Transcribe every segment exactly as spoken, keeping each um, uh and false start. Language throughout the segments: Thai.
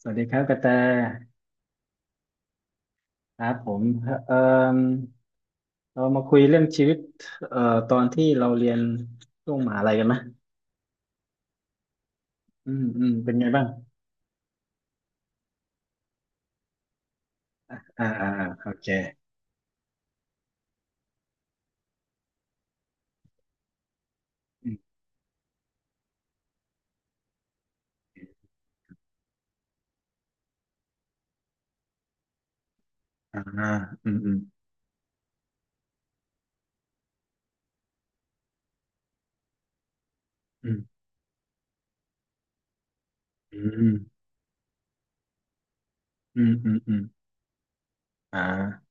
สวัสดีครับกระแตครับผมเอ่อเรามาคุยเรื่องชีวิตเอ่อตอนที่เราเรียนช่วงมหาลัยกันไหมอืมอืมเป็นไงบ้างอ่าอ่าอ่าโอเคอืมอ่าอืมอืมอืมอืมอืมอืมอืมอ่า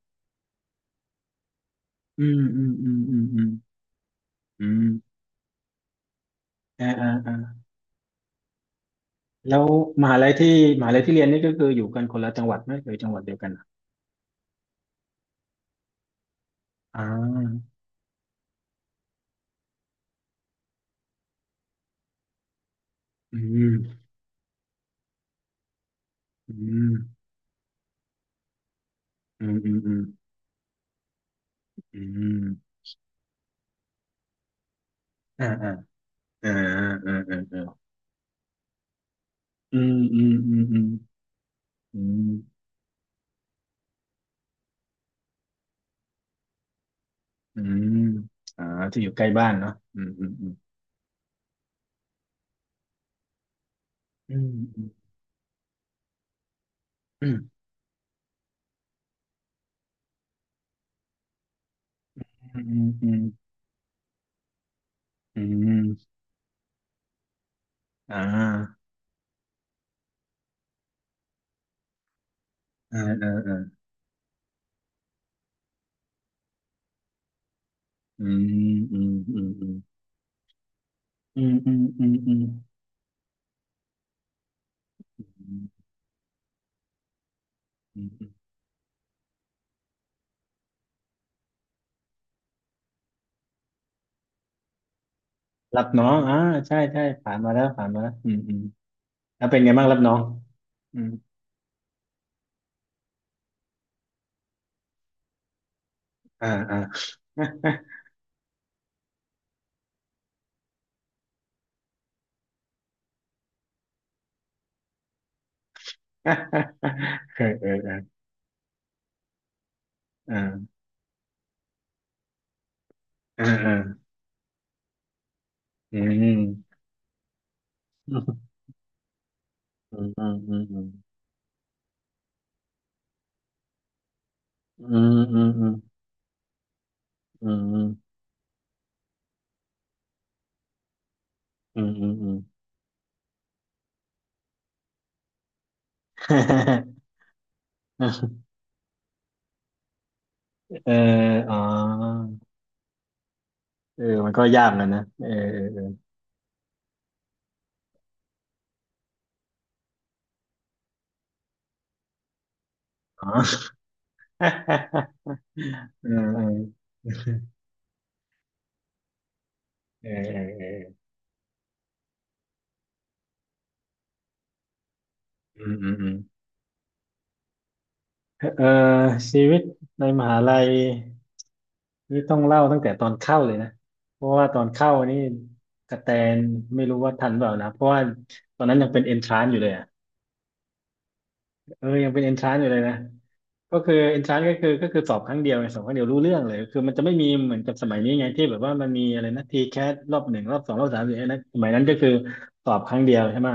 อืมอืมอืมอืมอืมอืมอ่าอ่าอ่าแล้วมหาลัยที่มหาลัยที่เรียนนี่ก็คืออยู่กันคนละจังหวัดไหมหรือจังหวัดเดียวกันอะอ่าอืมอืมอืมอืมอืมอืมอ่าอ่าอ่าอ่าอ่า อืมอืมอืมอืมอืมอืมอ่าที่อยู่ใกล้บ้านเนาะอืมอืมอืมอืมอืมอืมอืมอืมอืมอ่าอ่าอ่าอ่าอืมอืมอืมอืมอืมอืมอืมอืมรับน้องอ่าใช่ใช่ผ่านมาแล้วผ่านมาแล้วอืมอืมแล้วเป็นไงบ้างรับน้องอืมอ่าอ่า เออเออเอออ่าอ่าอ่าอืมอืมอืมอืมอืมอืมอืม อืม อืม อืมอืม เอออ๋อเออมันก็ยากนะนะเออเออเอออ๋อ เออเออเออเออเอออืมอืมอืมเออชีวิตในมหาลัยนี่ต้องเล่าตั้งแต่ตอนเข้าเลยนะ เพราะว่าตอนเข้านี่กระแตน ไม่รู้ว่าทันเปล่านะ เพราะว่าตอนนั้นยังเป็นเอนทรานอยู่เลยอ่ะ เออยังเป็น entrance อยู่เลยนะก็คือ entrance ก็คือก็คือสอบครั้งเดียวไงสอบครั้งเดียวรู้เรื่องเลยคือมันจะไม่มีเหมือนกับสมัยนี้ไงที่แบบว่ามันมีอะไรนะที c ค t รอบหนึ่งรอบสองรอบสามสี่นะสมัยนั้นก็คือสอบครั้งเดียวใช่ไหม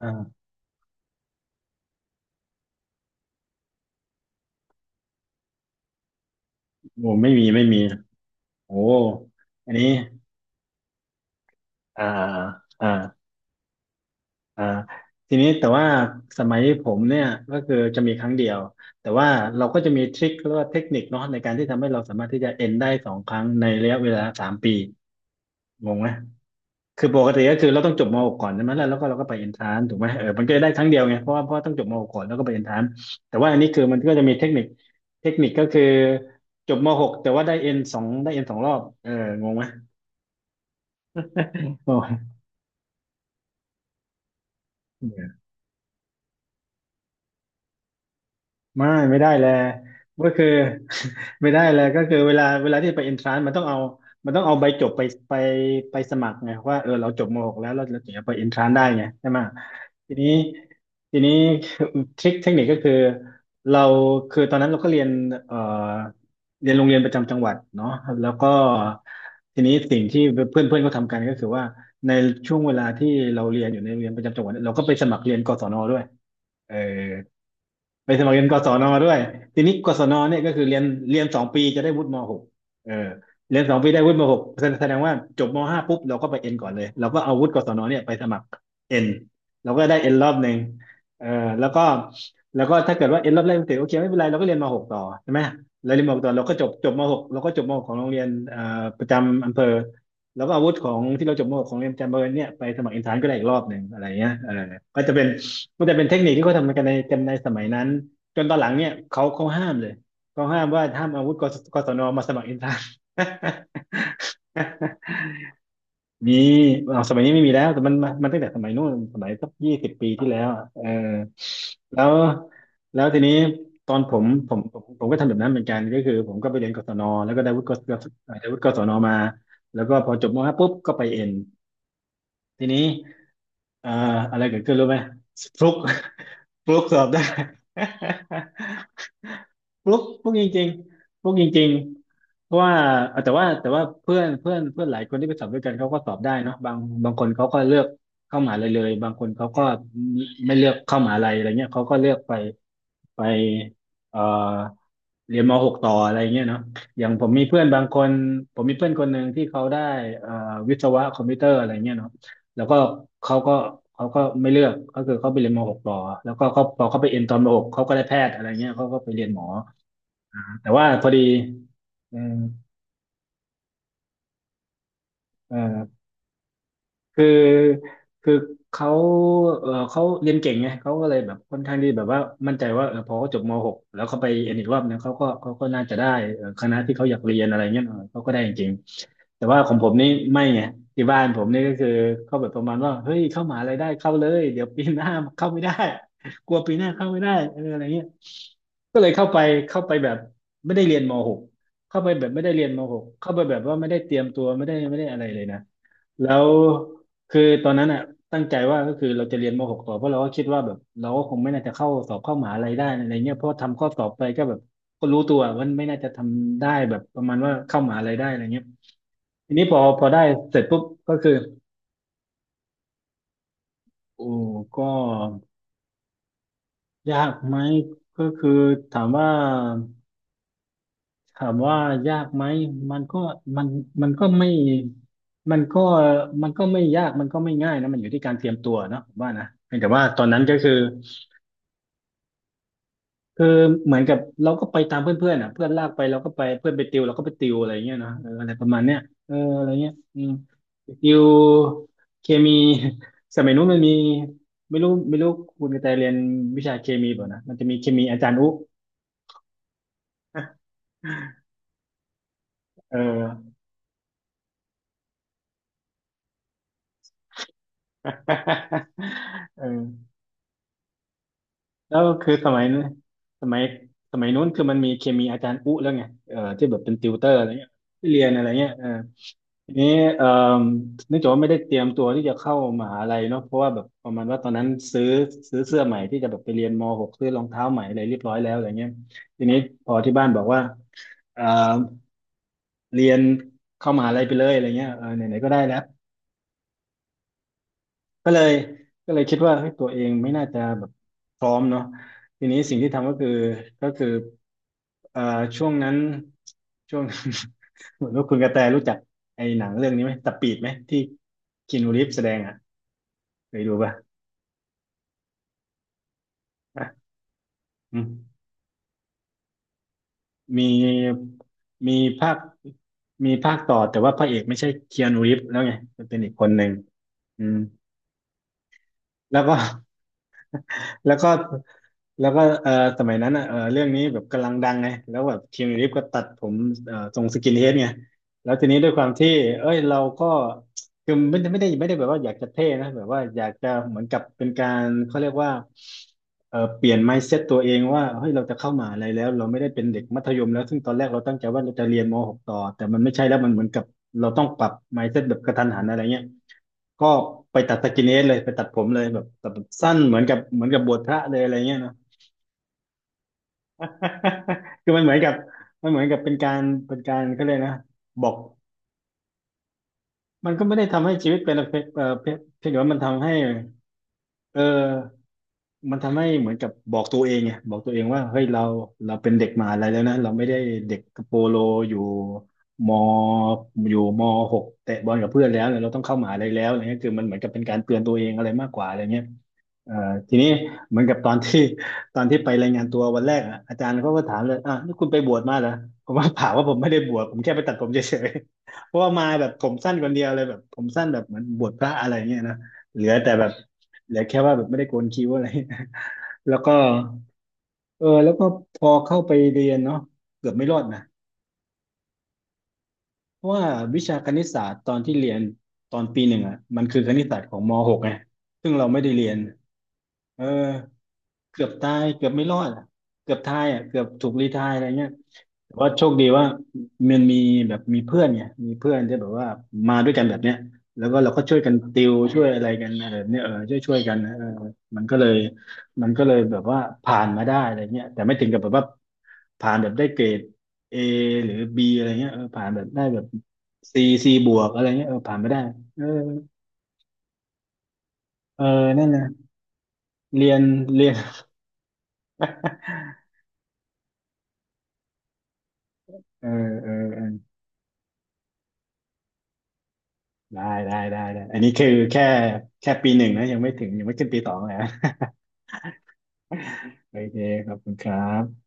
อ่าโอ้ไม่มีไม่มีโอ้อันนี้อ่าอ่าอ่าทีนี้แต่ว่าสมัยผมเนี่ยก็คือจะมีครั้งเดียวแต่ว่าเราก็จะมีทริคหรือว่าเทคนิคเนาะในการที่ทำให้เราสามารถที่จะเอ็นได้สองครั้งในระยะเวลาสามปีงงไหม คือปกติก็คือเราต้องจบม .หก กก่อนใช่ไหมแล้วแล้วก็เราก็ไปเอนทรานถูกไหมเออมันก็ได้ครั้งเดียวไงเพราะว่าเพราะว่าต้องจบม .หก กก่อนแล้วก็ไปเอนทรานแต่ว่าอันนี้คือมันก็จะมีเทคนิคเทคนิคก็คือจบม .หก แต่ว่าได้เอ็นสองได้เอ็นสองรอบเอองงไหมโอ้ ไม่ไม่ได้แลยก็คือ ไม่ได้แลก็คือเวลาเวลาที่ไปเอนทรานมันต้องเอามันต้องเอาใบจบไปไปไปสมัครไงว่าเออเราจบมหกแล้วเราเราถึงจะไปเอนทรานได้ไงใช่ไหมทีนี้ทีนี้ ทริคเทคนิคก็คือเราคือตอนนั้นเราก็เรียนเอ่อเรียนโรงเรียนประจำจังหวัดเนาะแล้วก็ทีนี้สิ่งที่เพื่อนเพื่อนเขาทำกันก็คือว่าในช่วงเวลาที่เราเรียนอยู่ในโรงเรียนประจำจังหวัดเนี่ยเราก็ไปสมัครเรียนกศนด้วยเออ ไปสมัครเรียนกศนด้วยทีนี้กศนเนี่ยก็คือเรียนเรียนสองปีจะได้วุฒิมหกเออเรียนสองปีได้วุฒิมหกแสดงว่าจบมห้าปุ๊บเราก็ไปเอ็นก่อนเลยเราก็เอาวุฒิกศนเนี่ยไปสมัครเอ็นเราก็ได้เอ็นรอบหนึ่งเออแล้วก็แล้วก็ถ้าเกิดว่าเอ็นรอบแรกไม่ติดโอเคไม่เป็นไรเราก็เรียนมหกต่อใช่ไหมเราเรียนมหกต่อเราก็จบจบมหกเราก็จบมหกของโรงเรียนอ่าประจำอำเภอแล้วก็เอาวุฒิของที่เราจบมหกของงเรียนประจำอำเภอเนี่ยไปสมัครอินทานก็ได้อีกรอบหนึ่งอะไรเงี้ยเออก็จะเป็น มันจะเป็นเทคนิคที่เขาทำกันในกันในสมัยนั้นจนตอนหลังเนี่ยเขาเขาห้ามเลยเขาห้ามว่าห้ามเอาอาวุธกสกศนมาสมัครอินทราน มีเอาสมัยนี้ไม่มีแล้วแต่มันมันมันตั้งแต่สมัยนู้นสมัยสักยี่สิบปีที่แล้วอะเออแล้วแล้วทีนี้ตอนผมผมผมผมก็ทำแบบนั้นเหมือนกันก็คือผมก็ไปเรียนกศนแล้วก็ได้วุฒิกศได้วุฒิกศนมาแล้วก็พอจบมห้าปุ๊บก็ไปเอ็นทีนี้เอ่ออะไรเกิดขึ้นรู้ไหมฟลุก ฟลุกสอบได้ ฟลุกฟลุกจริงๆฟลุกจริงๆเพราะว่าเอ่อแต่ว่าแต่ว่าเพื่อนเพื่อนเพื่อนหลายคนที่ไปสอบด้วยกันเขาก็สอบได้เนาะบางบางคนเขาก็เลือกเข้ามหาลัยเลยบางคนเขาก็ไม่เลือกเข้ามหาลัยอะไรเงี้ยเขาก็เลือกไปไปเอ่อเรียนมหกต่ออะไรเงี้ยเนาะอย่างผมมีเพื่อนบางคนผมมีเพื่อนคนหนึ่งที่เขาได้เอ่อวิศวะคอมพิวเตอร์อะไรเงี้ยเนาะ แล้วก็เขาก็เขาก็ไม่เลือกก็คือเขาไปเรียนมหกต่อแล้วก็เขาพอเขาไปเอ็นตอนมหกเขาก็ได้แพทย์อะไรเงี้ยเขาก็ไปเรียนหมออ่าแต่ว่าพอดีเออเออ คือคือเขาเออเขาเรียนเก่งไงเขาก็เลยแบบค่อนข้างที่แบบว่ามั่นใจว่าเออพอเขาจบม .หก แล้วเขาไปเอ็นอีกรอบเนี่ยเขาก็เขาก็น่าจะได้เออคณะที่เขาอยากเรียนอะไรเงี้ยเออเขาก็ได้จริงๆแต่ว่าของผมนี่ไม่ไงที่บ้านผมนี่ก็คือเขาแบบประมาณว่าเฮ้ยเข้ามหาลัยได้เข้าเลยเดี๋ยวปีหน้าเข้าไม่ได้ กลัวปีหน้าเข้าไม่ได้เอออะไรเงี้ยก็เลยเข้าไปเข้าไปแบบไม่ได้เรียนมหกเข้าไปแบบไม่ได้เรียนมหกเข้าไปแบบว่าไม่ได้เตรียมตัวไม่ได้ไม่ได้อะไรเลยนะแล้ว คือตอนนั้นอ่ะตั้งใจว่าก็คือเราจะเรียนมหกต่อเพราะเราก็คิดว่าแบบเราก็คงไม่น่าจะเข้าสอบเข้ามหาลัยได้อะไรเงี้ยเพราะทำข้อสอบไปก็แบบก็รู้ตัวว่าไม่น่าจะทำได้แบบประมาณว่าเข้ามหาลัยได้อะไรเงี้ยทีนี้พอพอได้เสร็จปุ๊บก็คือโอ้ก็ยากไหมก็คือถามว่าถามว่ายากไหมมันก็มันมันก็ไม่มันก็มันก็ไม่ยากมันก็ไม่ง่ายนะมันอยู่ที่การเตรียมตัวเนาะผมว่านะเพียงแต่ว่าตอนนั้นก็คือ คือเหมือนกับเราก็ไปตามเพื่อนๆอ่ะเพื่อนลากไปเราก็ไปเพื่อนไปติวเราก็ไปติวอะไรเงี้ยเนาะเอออะไรประมาณเนี้ยเอออะไรเงี้ยอืมไปติวเคมี สมัยนู้นมันมีไม่รู้ไม่รู้คุณกระแตเรียนวิชาเคมีเปล่านะมันจะมีเคมีอาจารย์อุ๊เออ เออแล้วคือสมัยนั้นสมัยสมัยนู้นคือมันมีเคมีอาจารย์อุ๊แล้วไงเออที่แบบเป็นติวเตอร์อะไรเงี้ยที่เรียนอะไรเงี้ยเออ ทีนี้เอ่อเนื่องจากว่าไม่ได้เตรียมตัวที่จะเข้ามหาลัยเนาะเพราะว่าแบบประมาณว่าตอนนั้นซื้อซื้อเสื้อใหม่ที่จะแบบไปเรียนม .หก ซื้อรองเท้าใหม่อะไรเรียบร้อยแล้วอะไรเงี้ยทีนี้พอที่บ้านบอกว่าเอ่อเรียนเข้ามหาลัยไปเลยอะไรเงี้ยเออไหนๆก็ได้แล้วก็เลยก็เลยคิดว่าเฮ้ยตัวเองไม่น่าจะแบบพร้อมเนาะทีนี้สิ่งที่ทำก็คือก็คือเอ่อช่วงนั้นช่วง เหมือนว่าคุณกระแตรู้จักไอ้หนังเรื่องนี้ไหมตะปีดไหมที่คีนูรีฟแสดงอ่ะเคยดูปะ อืมมีมีภาคมีภาคต่อแต่ว่าพระเอกไม่ใช่เคียนูรีฟแล้วไงมันเป็นอีกคนหนึ่งอืมแล้วก็ แล้วก็ แล้วก็เออสมัยนั้นอ่ะเออเรื่องนี้แบบกำลังดังไงแล้วแบบคีนูรีฟก็ตัดผมเออทรงสกินเฮดไงแล้วทีนี้ด้วยความที่เอ้ยเราก็คือไม่ได้ไม่ได้ไม่ได้แบบว่าอยากจะเท่นะแบบว่าอยากจะเหมือนกับเป็นการเขาเรียกว่าเออเปลี่ยน mindset ตัวเองว่าเฮ้ยเราจะเข้ามหาอะไรแล้วเราไม่ได้เป็นเด็กมัธยมแล้วซึ่งตอนแรกเราตั้งใจว่าเราจะเรียนมหกต่อแต่มันไม่ใช่แล้วมันเหมือนกับเราต้องปรับ mindset แบบกระทันหันอะไรเงี้ยก็ไปตัดสกินเฮดเลยไปตัดผมเลยแบบตัดแบบสั้นเหมือนกับเหมือนกับบวชพระเลยอะไรเงี้ยเนอะ คือมันเหมือนกับมันเหมือนกับเป็นการเป็นการก็เลยกนะบอกมันก็ไม่ได้ทำให้ชีวิตเป็นอะไรเออเพียเพียงแต่ว่ามันทำให้เออมันทำให้เหมือนกับบอกตัวเองไงบอกตัวเองว่าเฮ้ยเราเราเป็นเด็กมหาลัยแล้วนะเราไม่ได้เด็กโปโลอยู่มอยู่มหกเตะบอลกับเพื่อนแล้วเนี่ยเราต้องเข้ามหาลัยแล้วอะไรเงี้ยคือมันเหมือนกับเป็นการเตือนตัวเองอะไรมากกว่าอะไรเงี้ย เอ่อทีนี้เหมือนกับตอนที่ ตอนที่ไปรายงานตัววันแรกอะอาจารย์เขาก็ถามเลยอ่ะนี่คุณไปบวชมาเหรอผมว่าเปล่าว่าผมไม่ได้บวชผมแค่ไปตัดผมเฉยๆ เพราะว่ามาแบบผมสั้นคนเดียวเลยแบบผมสั้นแบบเหมือนบวชพระอะไรเงี้ยนะเหลือแต่แบบเหลือแค่ว่าแบบไม่ได้โกนคิ้วอะไร แล้วก็เออแล้วก็พอเข้าไปเรียนเนาะเกือบไม่รอดนะเพราะว่าวิชาคณิตศาสตร์ตอนที่เรียนตอนปีหนึ่งอะมันคือคณิตศาสตร์ของมหกไงซึ่งเราไม่ได้เรียน เออเกือบตายเกือบไม่รอดอะเกือบตายอ่ะเกือบถูกรีไทร์อะไรเงี้ยแต่ว่าโชคดีว่ามันมีแบบมีเพื่อนไงมีเพื่อนที่แบบว่ามาด้วยกันแบบเนี้ยแล้วก็เราก็ช่วยกันติวช่วยอะไรกันอะไรแบบเนี้ยเออช่วยช่วยกันนะเออมันก็เลยมันก็เลยแบบว่าผ่านมาได้อะไรเงี้ยแต่ไม่ถึงกับแบบว่าผ่านแบบได้เกรดเอหรือบีอะไรเงี้ยเออผ่านแบบได้แบบซีซีบวกอะไรเงี้ยเออผ่านไม่ได้เออเออนั่นนะเรียนเรียน เออเออเออ ได้ได้ได้ได้ อันนี้คือแค่แค่ปีหนึ่งนะยังไม่ถึงยังไม่ขึ้นปีสองเลยนะ โอเคขอบคุณครับ